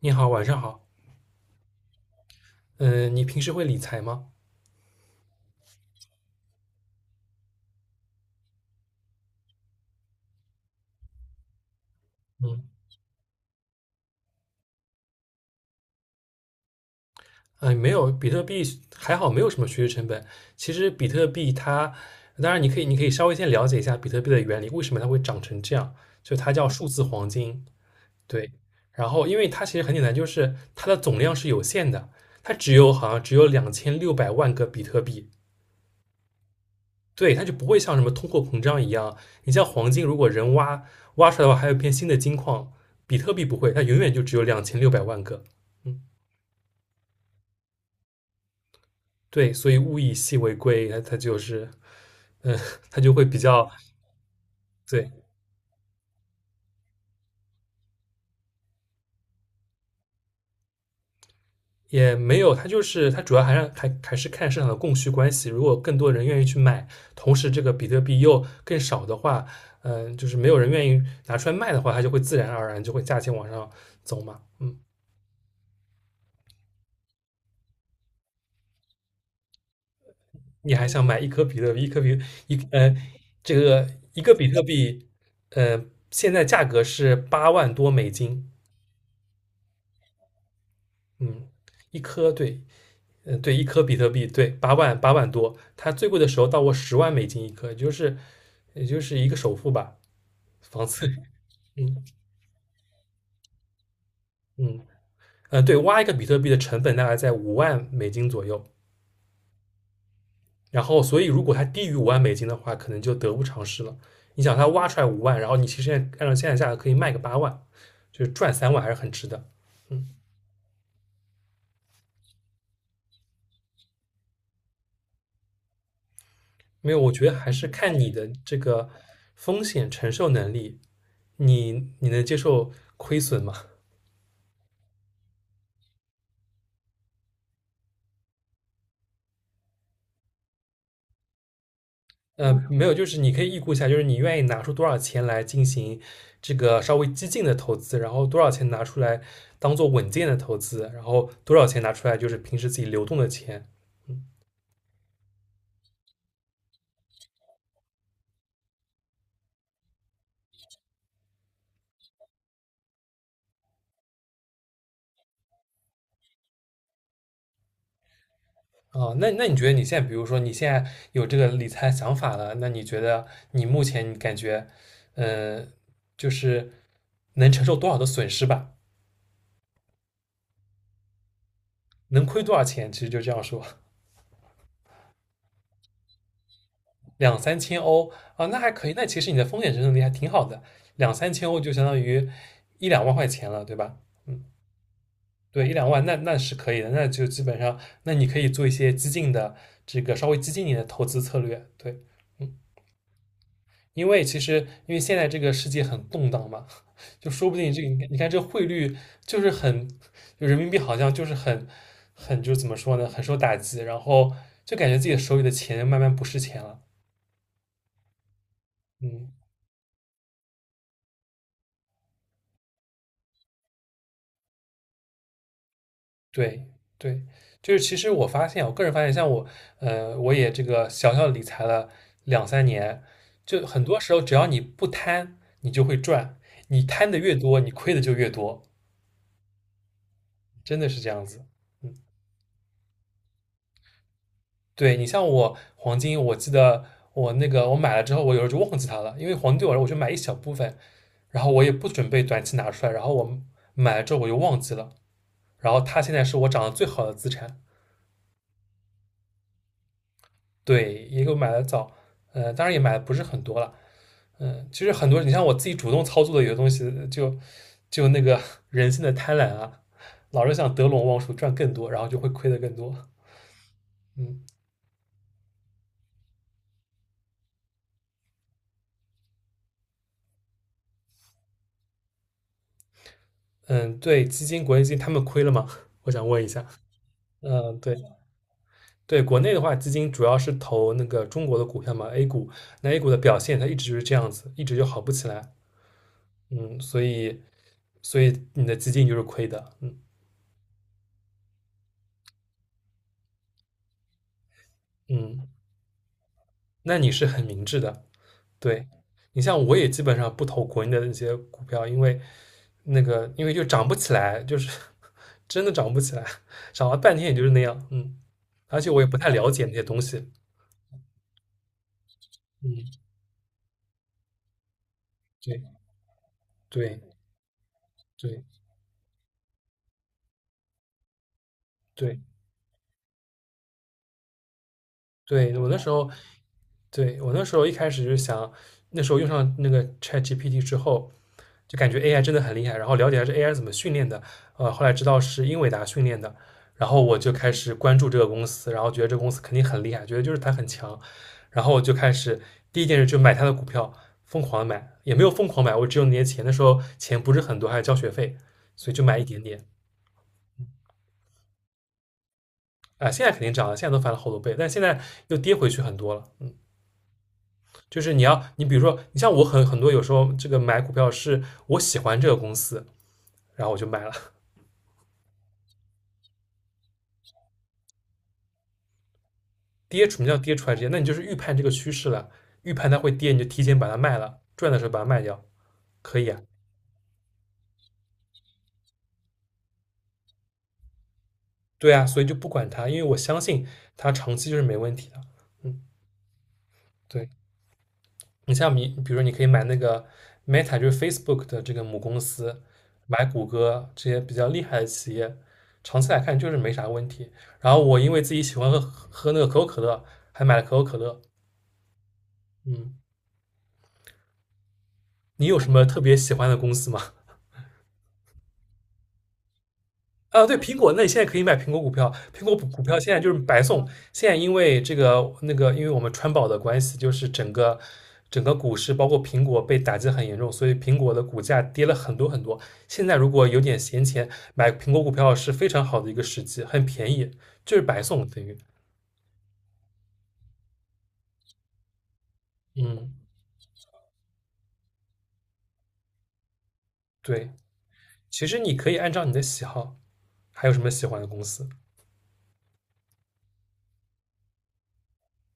你好，晚上好。嗯，你平时会理财吗？嗯，啊，没有，比特币还好，没有什么学习成本。其实比特币它，当然你可以稍微先了解一下比特币的原理，为什么它会长成这样？就它叫数字黄金，对。然后，因为它其实很简单，就是它的总量是有限的，它只有好像只有2600万个比特币，对，它就不会像什么通货膨胀一样。你像黄金，如果人挖挖出来的话，还有一片新的金矿，比特币不会，它永远就只有两千六百万个。嗯。对，所以物以稀为贵，它就是，嗯，它就会比较，对，也没有，它就是它主要还是看市场的供需关系。如果更多人愿意去买，同时这个比特币又更少的话，嗯，就是没有人愿意拿出来卖的话，它就会自然而然就会价钱往上走嘛。嗯，你还想买一颗比特币，一颗比一呃，这个一个比特币，呃，现在价格是8万多美金，嗯，一颗对。嗯，对，一颗比特币，对，八万多，它最贵的时候到过10万美金一颗，也就是一个首付吧，房子，嗯嗯嗯，对，挖一个比特币的成本大概在五万美金左右，然后所以如果它低于五万美金的话，可能就得不偿失了。你想它挖出来五万，然后你其实按照现在价格可以卖个八万，就是赚3万还是很值的。嗯，没有，我觉得还是看你的这个风险承受能力，你能接受亏损吗？没有，就是你可以预估一下，就是你愿意拿出多少钱来进行这个稍微激进的投资，然后多少钱拿出来当做稳健的投资，然后多少钱拿出来就是平时自己流动的钱。那你觉得你现在，比如说你现在有这个理财想法了，那你觉得你目前你感觉，呃，就是能承受多少的损失吧？能亏多少钱？其实就这样说。两三千欧啊，那还可以。那其实你的风险承受能力还挺好的，两三千欧就相当于一两万块钱了，对吧？嗯，对，一两万，那是可以的。那就基本上，那你可以做一些激进的这个稍微激进一点的投资策略，对。嗯，因为其实，因为现在这个世界很动荡嘛，就说不定这个你看你看这汇率就是很，就人民币好像就是很就怎么说呢，很受打击，然后就感觉自己手里的钱慢慢不是钱了，嗯。对对，就是其实我发现，我个人发现，像我，我也这个小小理财了两三年，就很多时候只要你不贪，你就会赚，你贪的越多，你亏的就越多，真的是这样子。嗯，对你像我黄金，我记得我那个我买了之后，我有时候就忘记它了，因为黄金对我来说我就买一小部分，然后我也不准备短期拿出来，然后我买了之后我就忘记了，然后它现在是我涨得最好的资产，对，也给我买的早，当然也买的不是很多了。其实很多，你像我自己主动操作的有些东西，就那个 人性的贪婪啊，老是想得陇望蜀赚更多，然后就会亏的更多。嗯嗯，对，基金国内基金他们亏了吗？我想问一下。嗯，对对，国内的话，基金主要是投那个中国的股票嘛，A 股，那 A 股的表现它一直就是这样子，一直就好不起来。嗯，所以你的基金就是亏的。嗯嗯，那你是很明智的。对，你像我也基本上不投国内的那些股票，因为那个因为就涨不起来，就是 真的涨不起来，涨了半天也就是那样，嗯，而且我也不太了解那些东西，嗯，对对对对对，我那时候对，我那时候一开始就想，那时候用上那个 ChatGPT 之后，就感觉 AI 真的很厉害，然后了解下这 AI 怎么训练的，后来知道是英伟达训练的，然后我就开始关注这个公司，然后觉得这个公司肯定很厉害，觉得就是它很强，然后我就开始第一件事就买它的股票，疯狂地买，也没有疯狂买，我只有那些钱，那时候钱不是很多，还要交学费，所以就买一点点。啊、现在肯定涨了，现在都翻了好多倍，但现在又跌回去很多了。嗯，就是你要，你比如说，你像我很多有时候这个买股票是我喜欢这个公司，然后我就买了，跌什么叫跌出来之前，那你就是预判这个趋势了，预判它会跌，你就提前把它卖了，赚的时候把它卖掉，可以啊，对啊，所以就不管它，因为我相信它长期就是没问题的，嗯，对。你像你，比如说你可以买那个 Meta，就是 Facebook 的这个母公司，买谷歌这些比较厉害的企业，长期来看就是没啥问题。然后我因为自己喜欢喝那个可口可乐，还买了可口可乐。嗯，你有什么特别喜欢的公司吗？啊，对，苹果，那你现在可以买苹果股票，苹果股票现在就是白送，现在因为这个那个，因为我们川宝的关系，就是整个股市包括苹果被打击很严重，所以苹果的股价跌了很多很多。现在如果有点闲钱买苹果股票是非常好的一个时机，很便宜，就是白送等于，嗯，对，其实你可以按照你的喜好，还有什么喜欢的公司，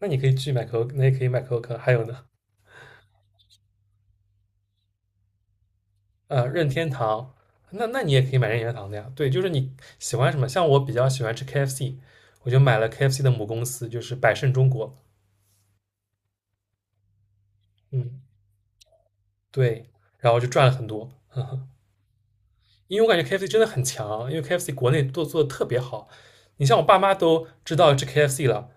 那你可以去买可口，那也可以买可口可乐，还有呢？任天堂，那你也可以买任天堂的呀。对，就是你喜欢什么，像我比较喜欢吃 KFC，我就买了 KFC 的母公司，就是百胜中国。嗯，对，然后就赚了很多，因为我感觉 KFC 真的很强，因为 KFC 国内都做的特别好。你像我爸妈都知道吃 KFC 了，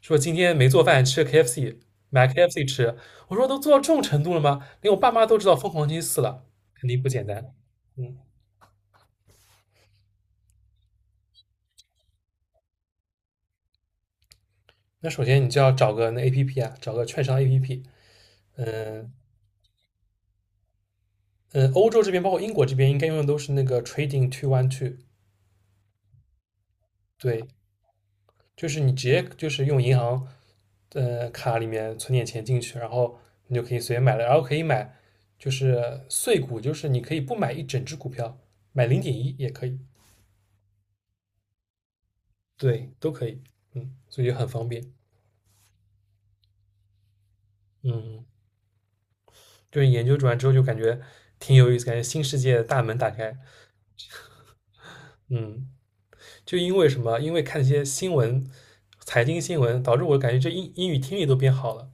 说今天没做饭吃 KFC，买 KFC 吃。我说都做到这种程度了吗？连我爸妈都知道疯狂星期四了，肯定不简单。嗯，那首先你就要找个那 APP 啊，找个券商 APP。嗯、呃嗯，欧洲这边包括英国这边应该用的都是那个 Trading 212，对，就是你直接就是用银行卡里面存点钱进去，然后你就可以随便买了，然后可以买就是碎股，就是你可以不买一整只股票，买0.1也可以，对，都可以，嗯，所以就很方便，嗯，就是研究完之后就感觉挺有意思，感觉新世界的大门打开，嗯，就因为什么？因为看一些新闻，财经新闻，导致我感觉这英语听力都变好了。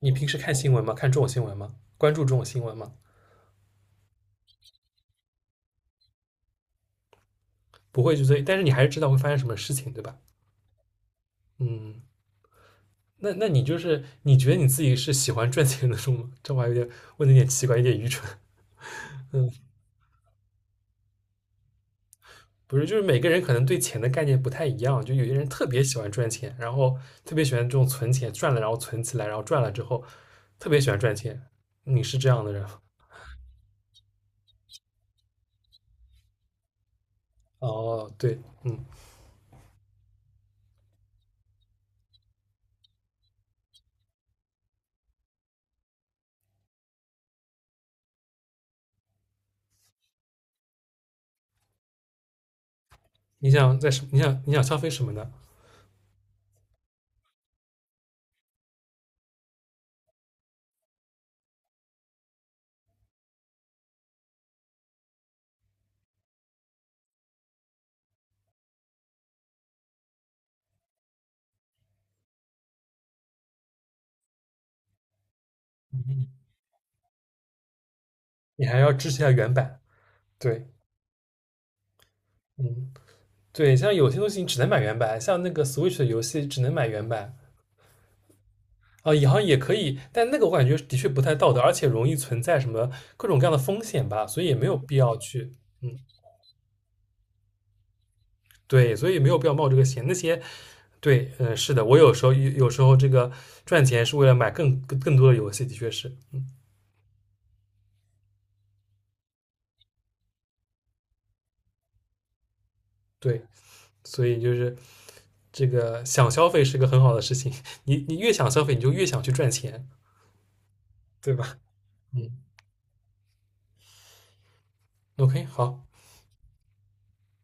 你平时看新闻吗？看这种新闻吗？关注这种新闻吗？不会，就追，但是你还是知道会发生什么事情，对吧？嗯，那你就是你觉得你自己是喜欢赚钱的种吗？这话有点问的有点奇怪，有点愚蠢。不是，就是每个人可能对钱的概念不太一样，就有些人特别喜欢赚钱，然后特别喜欢这种存钱，赚了然后存起来，然后赚了之后特别喜欢赚钱。你是这样的人。哦，对，嗯，你想在什你想你想消费什么呢？你还要支持一下原版，对，嗯。对，像有些东西你只能买原版，像那个 Switch 的游戏只能买原版啊，也好像也可以，但那个我感觉的确不太道德，而且容易存在什么各种各样的风险吧，所以也没有必要去，嗯，对，所以没有必要冒这个险。那些对，嗯，是的，我有时候有时候这个赚钱是为了买更多的游戏，的确是，嗯对，所以就是这个想消费是个很好的事情，你你越想消费，你就越想去赚钱，对吧？嗯，OK，好。